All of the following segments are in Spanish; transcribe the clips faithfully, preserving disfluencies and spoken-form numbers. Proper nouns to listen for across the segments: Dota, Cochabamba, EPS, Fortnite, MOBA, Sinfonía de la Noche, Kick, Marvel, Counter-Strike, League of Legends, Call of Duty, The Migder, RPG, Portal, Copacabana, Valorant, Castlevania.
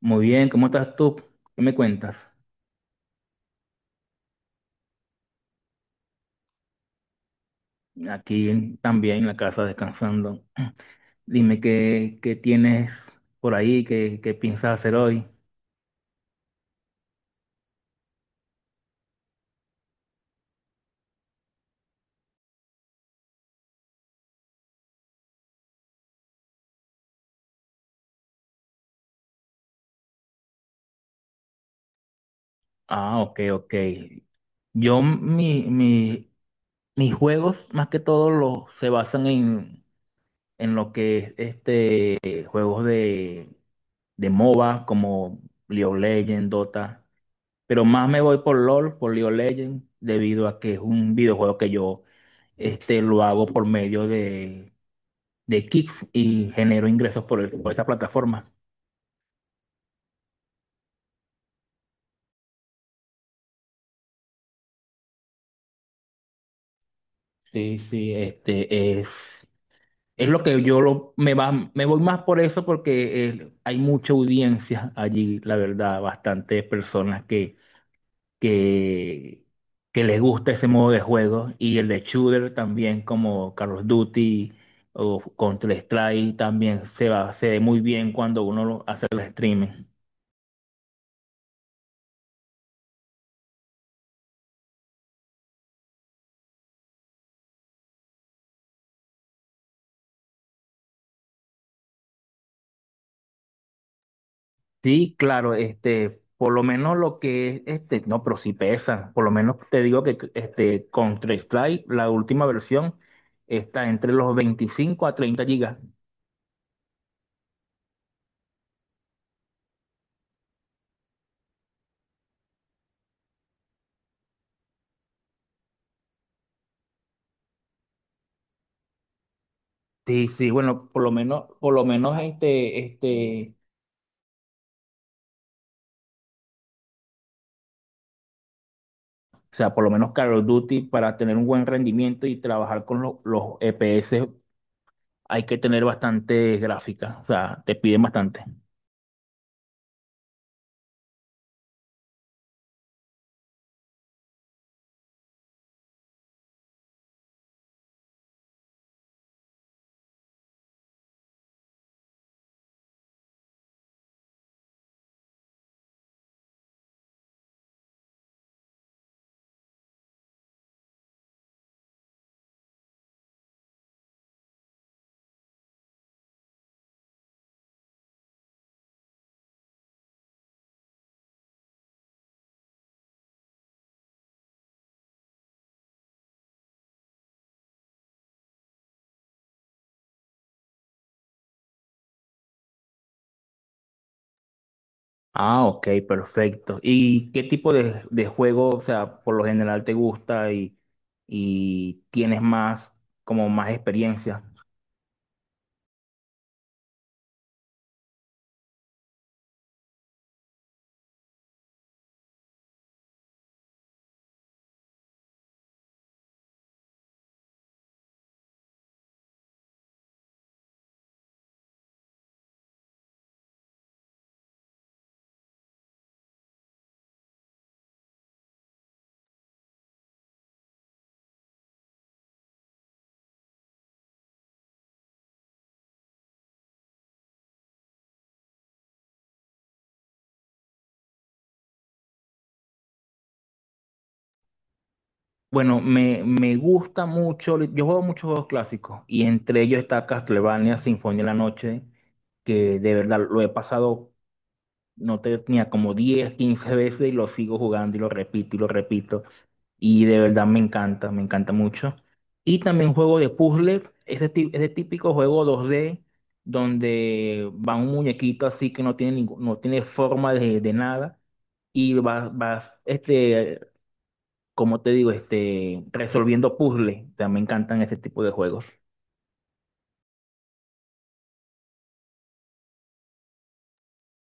Muy bien, ¿cómo estás tú? ¿Qué me cuentas? Aquí también en la casa descansando. Dime qué, qué tienes por ahí, qué, qué piensas hacer hoy. Ah, ok, ok. Yo, mi, mi- Mis juegos, más que todo, los, se basan en, en lo que es este, juegos de, de MOBA, como League of Legends, Dota. Pero más me voy por LOL, por League of Legends, debido a que es un videojuego que yo este, lo hago por medio de, de Kick y genero ingresos por, el- por esa plataforma. Sí, sí, este es, es lo que yo lo, me va, me voy más por eso porque eh, hay mucha audiencia allí, la verdad, bastantes personas que que, que les gusta ese modo de juego y el de shooter también como Call of Duty o Counter-Strike también se va, se ve muy bien cuando uno lo hace el streaming. Sí, claro, este, por lo menos lo que es, este, no, pero sí pesa, por lo menos te digo que este Counter-Strike, la última versión, está entre los veinticinco a treinta gigas. Sí, sí, bueno, por lo menos, por lo menos este, este, o sea, por lo menos Call of Duty, para tener un buen rendimiento y trabajar con lo- los E P S, hay que tener bastante gráfica. O sea, te piden bastante. Ah, ok, perfecto. ¿Y qué tipo de, de juego, o sea, por lo general te gusta y, y tienes más, como más experiencia? Bueno, me, me gusta mucho, yo juego muchos juegos clásicos y entre ellos está Castlevania, Sinfonía de la Noche, que de verdad lo he pasado no tenía como diez quince veces y lo sigo jugando y lo repito y lo repito. Y de verdad me encanta, me encanta mucho. Y también juego de puzzle, ese, ti- ese típico juego dos d, donde va un muñequito así que no tiene, ningún- no tiene forma de, de nada y vas, vas este, como te digo, este, resolviendo puzzles. O sea, me encantan ese tipo de juegos.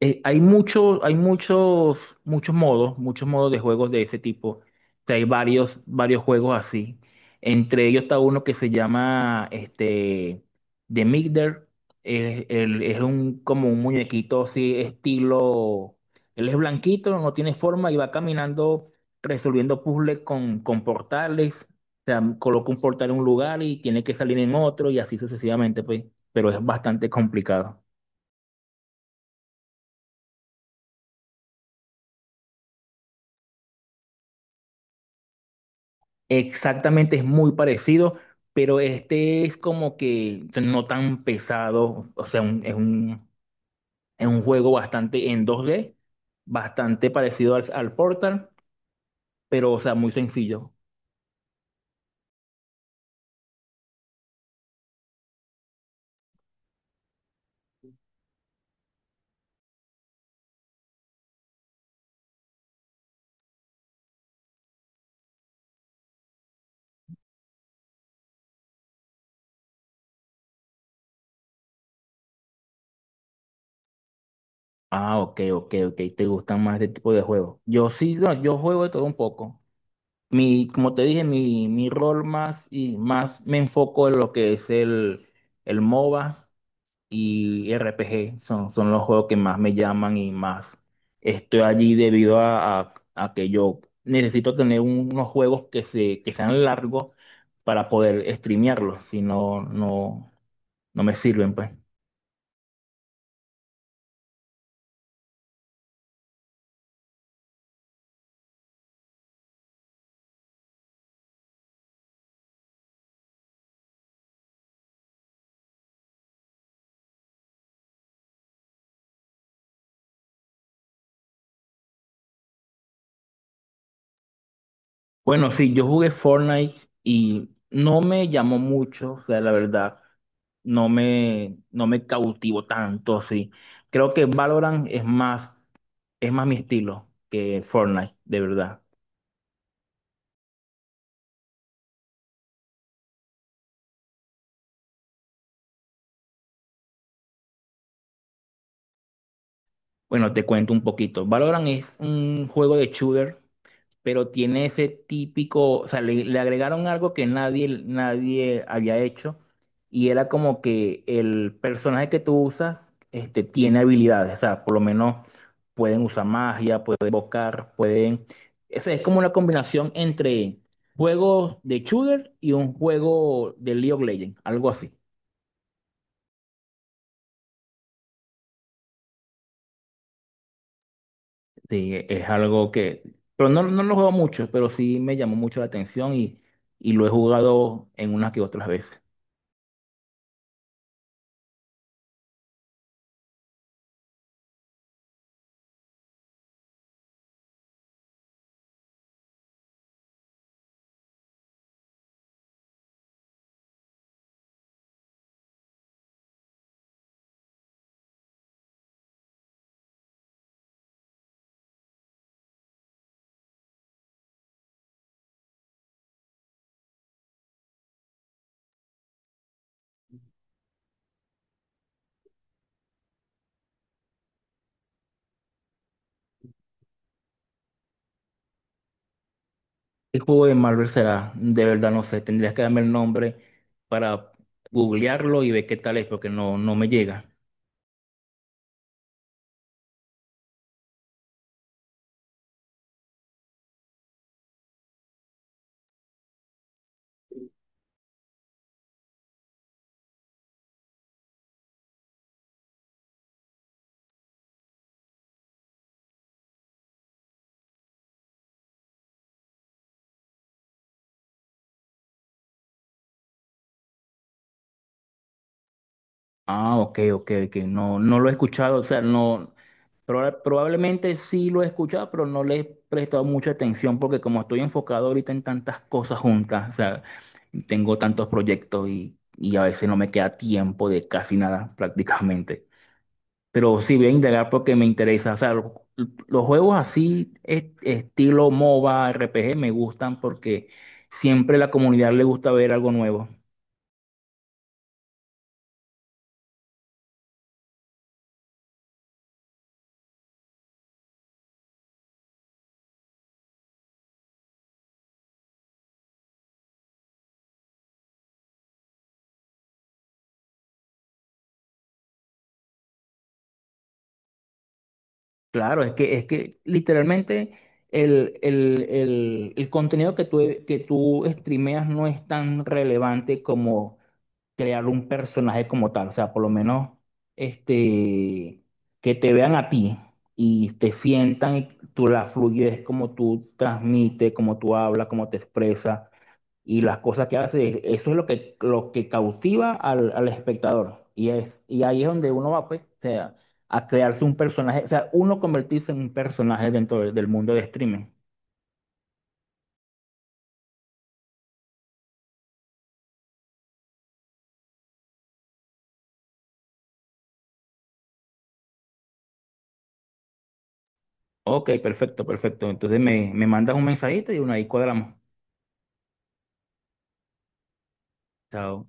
eh, hay mucho, hay muchos, muchos modos, muchos modos de juegos de ese tipo. O sea, hay varios, varios juegos así. Entre ellos está uno que se llama este, The Migder. Es, el- es un, como un muñequito así, estilo. Él es blanquito, no tiene forma y va caminando resolviendo puzzles con, con portales. O sea, coloca un portal en un lugar y tiene que salir en otro y así sucesivamente, pues. Pero es bastante complicado. Exactamente, es muy parecido, pero este es como que no tan pesado, o sea, un- es un, es un juego bastante en dos d, bastante parecido al, al Portal, pero, o sea, muy sencillo. Ah, ok, ok, ok, te gustan más este tipo de juegos. Yo sí, no, yo juego de todo un poco. Mi, como te dije, mi, mi rol más y más me enfoco en lo que es el, el MOBA y R P G son, son los juegos que más me llaman y más estoy allí debido a, a- a que yo necesito tener unos juegos que, se, que sean largos para poder streamearlos, si no, no, no me sirven, pues. Bueno, sí, yo jugué Fortnite y no me llamó mucho, o sea, la verdad, no me, no me cautivó tanto, sí. Creo que Valorant es más, es más mi estilo que Fortnite, de verdad. Bueno, te cuento un poquito. Valorant es un juego de shooter, pero tiene ese típico, o sea, le, le agregaron algo que nadie, nadie había hecho y era como que el personaje que tú usas, este, tiene habilidades, o sea, por lo menos pueden usar magia, pueden invocar, pueden... Esa es como una combinación entre juegos de shooter y un juego de League of Legends, algo así. Sí, es algo que, pero no, no lo juego mucho, pero sí me llamó mucho la atención y, y lo he jugado en unas que otras veces. ¿Qué juego de Marvel será? De verdad no sé, tendrías que darme el nombre para googlearlo y ver qué tal es, porque no, no me llega. Ah, ok, ok, ok. No, no lo he escuchado, o sea, no, proba- probablemente sí lo he escuchado, pero no le he prestado mucha atención porque como estoy enfocado ahorita en tantas cosas juntas, o sea, tengo tantos proyectos y, y a veces no me queda tiempo de casi nada prácticamente. Pero sí voy a indagar porque me interesa, o sea, lo- los juegos así, es- estilo MOBA, R P G, me gustan porque siempre la comunidad le gusta ver algo nuevo. Claro, es que, es que literalmente el, el- el- el contenido que tú, que tú streameas no es tan relevante como crear un personaje como tal. O sea, por lo menos este, que te vean a ti y te sientan y tú la fluyes, como tú transmites, como tú hablas, como te expresas y las cosas que hace, eso es lo que, lo que cautiva al, al espectador. Y, es, y ahí es donde uno va, pues, o sea, a crearse un personaje, o sea, uno convertirse en un personaje dentro de del mundo de streaming. Ok, perfecto, perfecto. Entonces me, me mandas un mensajito y uno ahí cuadramos. Chao.